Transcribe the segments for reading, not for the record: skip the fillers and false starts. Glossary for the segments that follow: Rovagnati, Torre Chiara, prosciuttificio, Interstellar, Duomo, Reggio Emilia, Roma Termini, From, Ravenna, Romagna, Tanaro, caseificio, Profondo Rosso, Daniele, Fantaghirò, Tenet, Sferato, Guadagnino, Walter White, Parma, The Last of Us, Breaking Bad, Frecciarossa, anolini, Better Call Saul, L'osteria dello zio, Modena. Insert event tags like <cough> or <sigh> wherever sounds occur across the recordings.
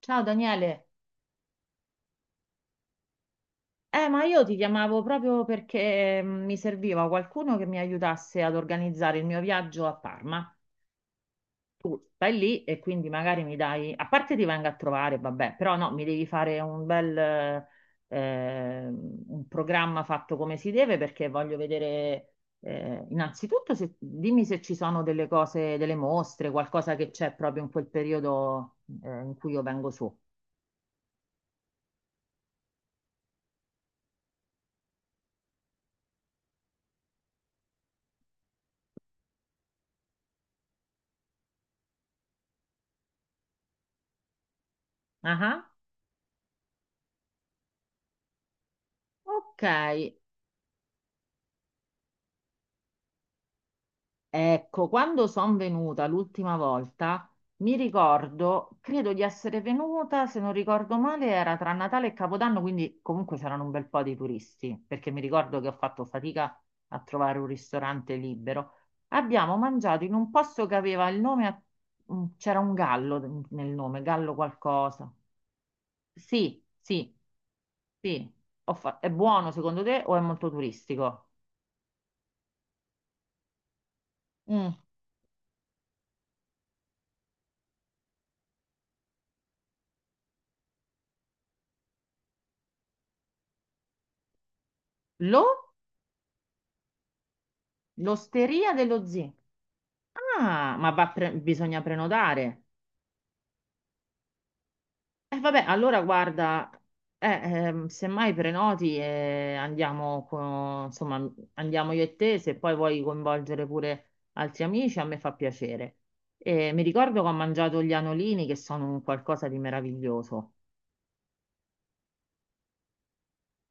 Ciao Daniele, ma io ti chiamavo proprio perché mi serviva qualcuno che mi aiutasse ad organizzare il mio viaggio a Parma. Tu stai lì e quindi magari mi dai, a parte ti vengo a trovare, vabbè, però no, mi devi fare un bel un programma fatto come si deve perché voglio vedere innanzitutto dimmi se ci sono delle cose, delle mostre, qualcosa che c'è proprio in quel periodo in cui io vengo su. Ah, ah. Ok. Ecco, quando sono venuta l'ultima volta, mi ricordo, credo di essere venuta, se non ricordo male, era tra Natale e Capodanno, quindi comunque c'erano un bel po' di turisti, perché mi ricordo che ho fatto fatica a trovare un ristorante libero. Abbiamo mangiato in un posto che aveva il nome, c'era un gallo nel nome, gallo qualcosa. Sì, sì, sì. È buono secondo te o è molto turistico? Mm. Lo? L'osteria dello zio. Ah, ma bisogna prenotare. E vabbè, allora guarda, semmai prenoti e andiamo, insomma, andiamo io e te, se poi vuoi coinvolgere pure altri amici, a me fa piacere. E mi ricordo che ho mangiato gli anolini che sono un qualcosa di meraviglioso.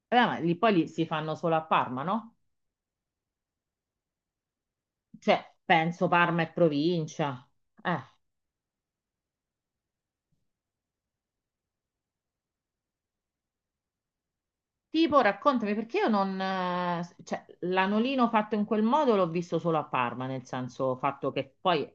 Ma li, poi li si fanno solo a Parma, no? Cioè, penso Parma e provincia. Eh. Tipo, raccontami perché io non, cioè, l'anolino fatto in quel modo l'ho visto solo a Parma, nel senso fatto che poi,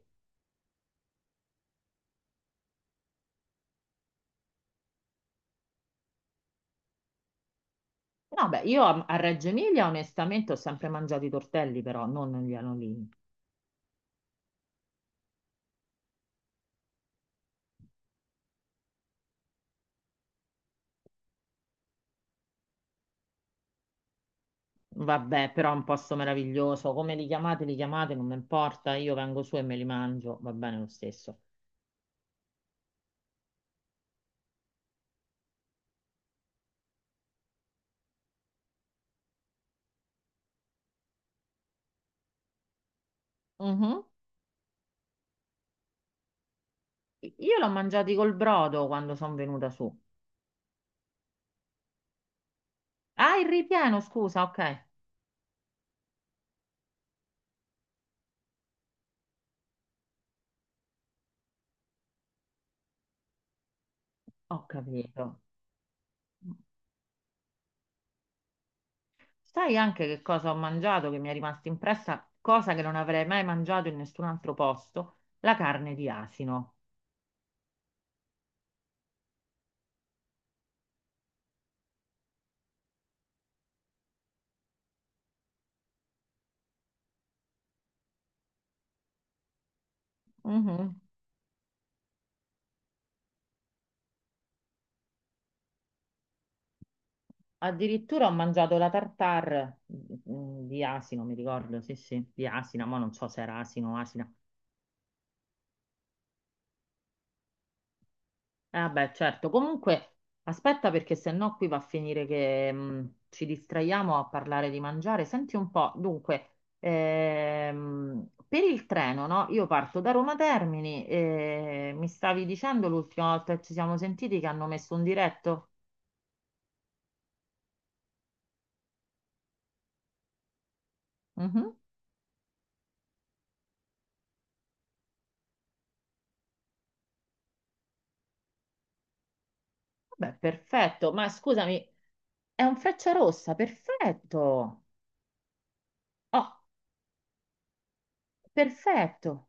no, beh, io a Reggio Emilia onestamente ho sempre mangiato i tortelli, però non gli anolini. Vabbè, però è un posto meraviglioso, come li chiamate, non mi importa, io vengo su e me li mangio, va bene lo stesso. Mhm. Io l'ho mangiati col brodo quando sono venuta su. Ah, il ripieno, scusa, ok, ho capito. Sai anche che cosa ho mangiato che mi è rimasta impressa, cosa che non avrei mai mangiato in nessun altro posto? La carne di asino. Mhm. Addirittura ho mangiato la tartare di asino, mi ricordo, sì, sì, di asina, ma non so se era asino o asina. Eh beh, certo, comunque aspetta perché sennò qui va a finire che ci distraiamo a parlare di mangiare. Senti un po', dunque, per il treno, no? Io parto da Roma Termini e mi stavi dicendo l'ultima volta che ci siamo sentiti che hanno messo un diretto? Mhm. Vabbè, perfetto, ma scusami, è un Frecciarossa, perfetto! Oh, perfetto!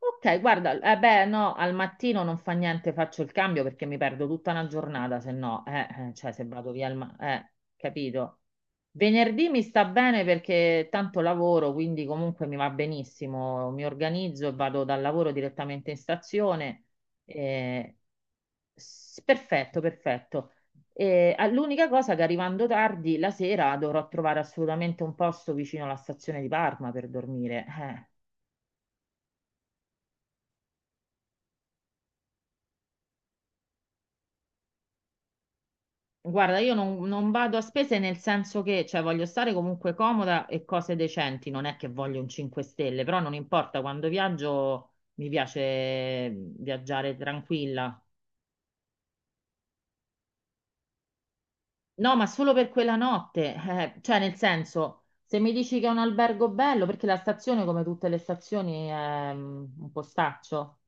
Ok, guarda, eh beh, no, al mattino non fa niente, faccio il cambio perché mi perdo tutta una giornata, se no, cioè se vado via al ma- capito? Venerdì mi sta bene perché tanto lavoro, quindi comunque mi va benissimo, mi organizzo e vado dal lavoro direttamente in stazione. eh, Perfetto, perfetto. Ah, l'unica cosa che arrivando tardi la sera dovrò trovare assolutamente un posto vicino alla stazione di Parma per dormire. Guarda, io non, non vado a spese nel senso che, cioè, voglio stare comunque comoda e cose decenti, non è che voglio un 5 stelle, però non importa, quando viaggio mi piace viaggiare tranquilla. No, ma solo per quella notte, cioè, nel senso, se mi dici che è un albergo bello, perché la stazione, come tutte le stazioni, è un postaccio,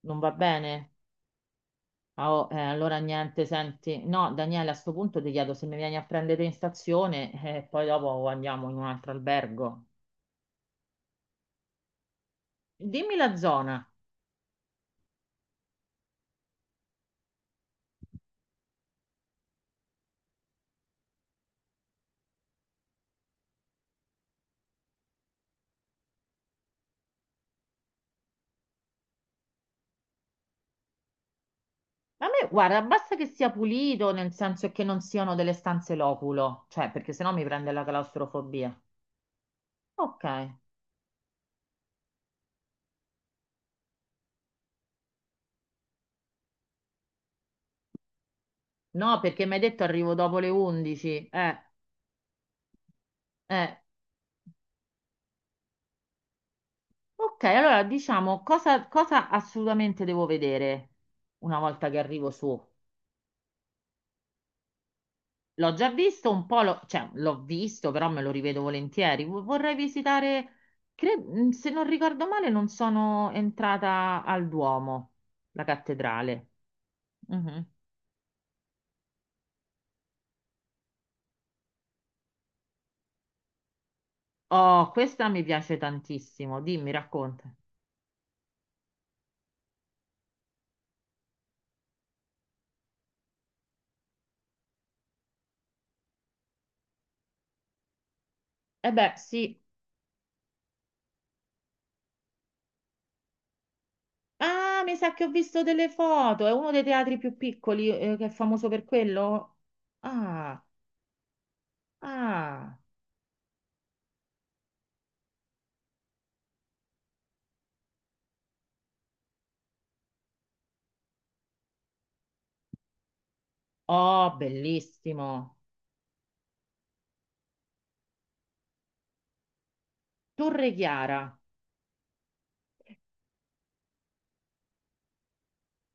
non va bene? Ah, oh, allora niente, senti, no, Daniele, a sto punto ti chiedo se mi vieni a prendere in stazione e poi dopo andiamo in un altro albergo. Dimmi la zona. A me, guarda, basta che sia pulito, nel senso che non siano delle stanze loculo, cioè perché sennò mi prende la claustrofobia. Ok. No, perché mi hai detto arrivo dopo le 11. Eh. Ok, allora diciamo cosa assolutamente devo vedere una volta che arrivo su. L'ho già visto un po', cioè l'ho visto, però me lo rivedo volentieri. Vorrei visitare, se non ricordo male, non sono entrata al Duomo, la cattedrale. Mhm. Oh, questa mi piace tantissimo. Dimmi, racconta. Eh beh, sì. Ah, mi sa che ho visto delle foto. È uno dei teatri più piccoli, che è famoso per quello. Ah, ah. Oh, bellissimo. Torre Chiara.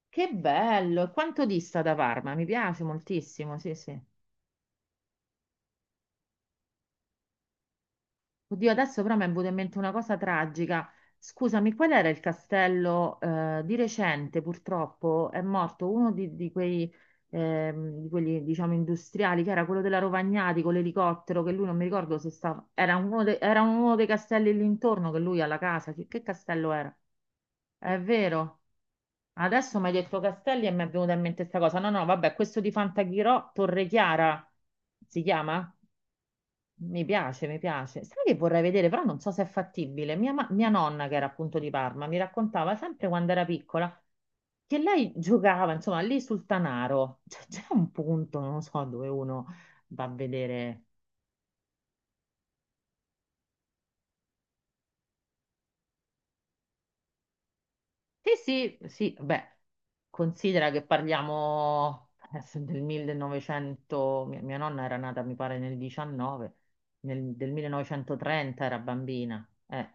Che bello. E quanto dista da Parma? Mi piace moltissimo, sì, sì. Oddio, adesso però mi è venuta in mente una cosa tragica. Scusami, qual era il castello? Di recente, purtroppo, è morto uno di quei, di quelli, diciamo, industriali, che era quello della Rovagnati con l'elicottero, che lui non mi ricordo se stava... Era uno, era uno dei castelli lì intorno, che lui ha la casa. Che castello era? È vero. Adesso mi hai detto castelli e mi è venuta in mente questa cosa. No, no, vabbè, questo di Fantaghirò, Torre Chiara si chiama? Mi piace, mi piace. Sai che vorrei vedere, però non so se è fattibile. Mia nonna, che era appunto di Parma, mi raccontava sempre quando era piccola che lei giocava, insomma, lì sul Tanaro. Cioè, c'è un punto, non lo so, dove uno va a vedere. Sì, sì, sì, beh, considera che parliamo adesso del 1900, mia nonna era nata, mi pare, del 1930 era bambina.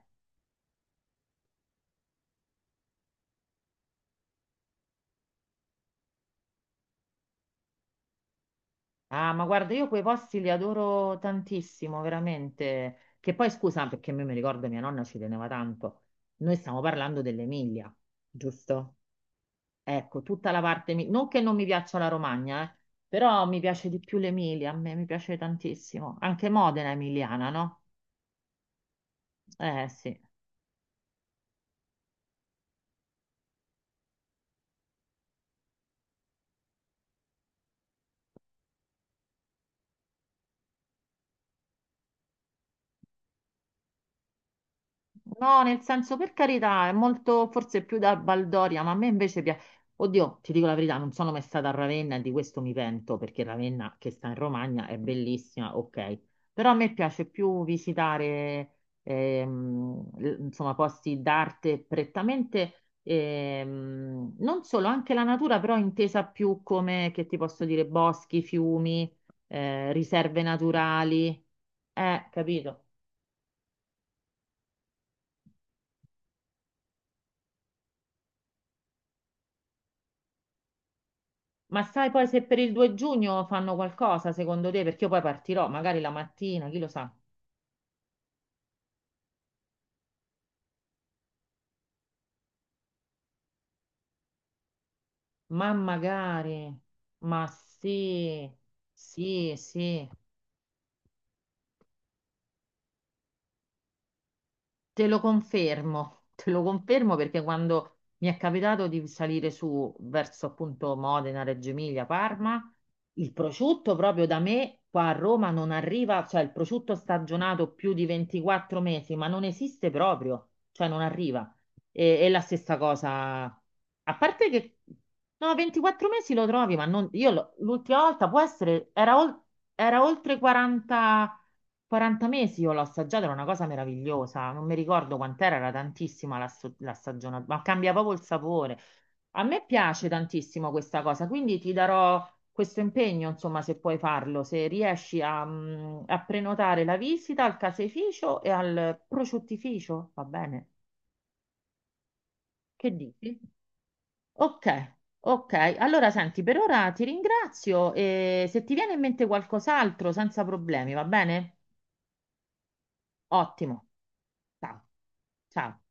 Ah, ma guarda, io quei posti li adoro tantissimo, veramente. Che poi, scusa, perché io mi ricordo mia nonna ci teneva tanto. Noi stiamo parlando dell'Emilia, giusto? Ecco, tutta la parte... Non che non mi piaccia la Romagna, però mi piace di più l'Emilia, a me mi piace tantissimo. Anche Modena è emiliana, no? Sì. No, nel senso, per carità, è molto, forse più da baldoria, ma a me invece piace. Oddio, ti dico la verità, non sono mai stata a Ravenna e di questo mi pento, perché Ravenna, che sta in Romagna, è bellissima, ok. Però a me piace più visitare, insomma, posti d'arte prettamente, non solo, anche la natura, però intesa più come, che ti posso dire, boschi, fiumi, riserve naturali. Capito? Ma sai poi se per il 2 giugno fanno qualcosa secondo te? Perché io poi partirò, magari la mattina, chi lo sa. Ma magari, ma sì, sì, sì. Te lo confermo, <laughs> te lo confermo perché quando mi è capitato di salire su verso appunto Modena, Reggio Emilia, Parma, il prosciutto proprio da me qua a Roma non arriva, cioè il prosciutto stagionato più di 24 mesi, ma non esiste proprio, cioè non arriva. E la stessa cosa, a parte che no, 24 mesi lo trovi, ma non, io l'ultima volta può essere, era, era oltre 40. 40 mesi io l'ho assaggiata, era una cosa meravigliosa, non mi ricordo quant'era, era tantissima la, la stagionata, ma cambia proprio il sapore. A me piace tantissimo questa cosa, quindi ti darò questo impegno, insomma, se puoi farlo, se riesci a, a prenotare la visita al caseificio e al prosciuttificio, va bene? Che dici? Ok, ok. Allora, senti, per ora ti ringrazio e se ti viene in mente qualcos'altro, senza problemi, va bene? Ottimo. Ciao. Ciao.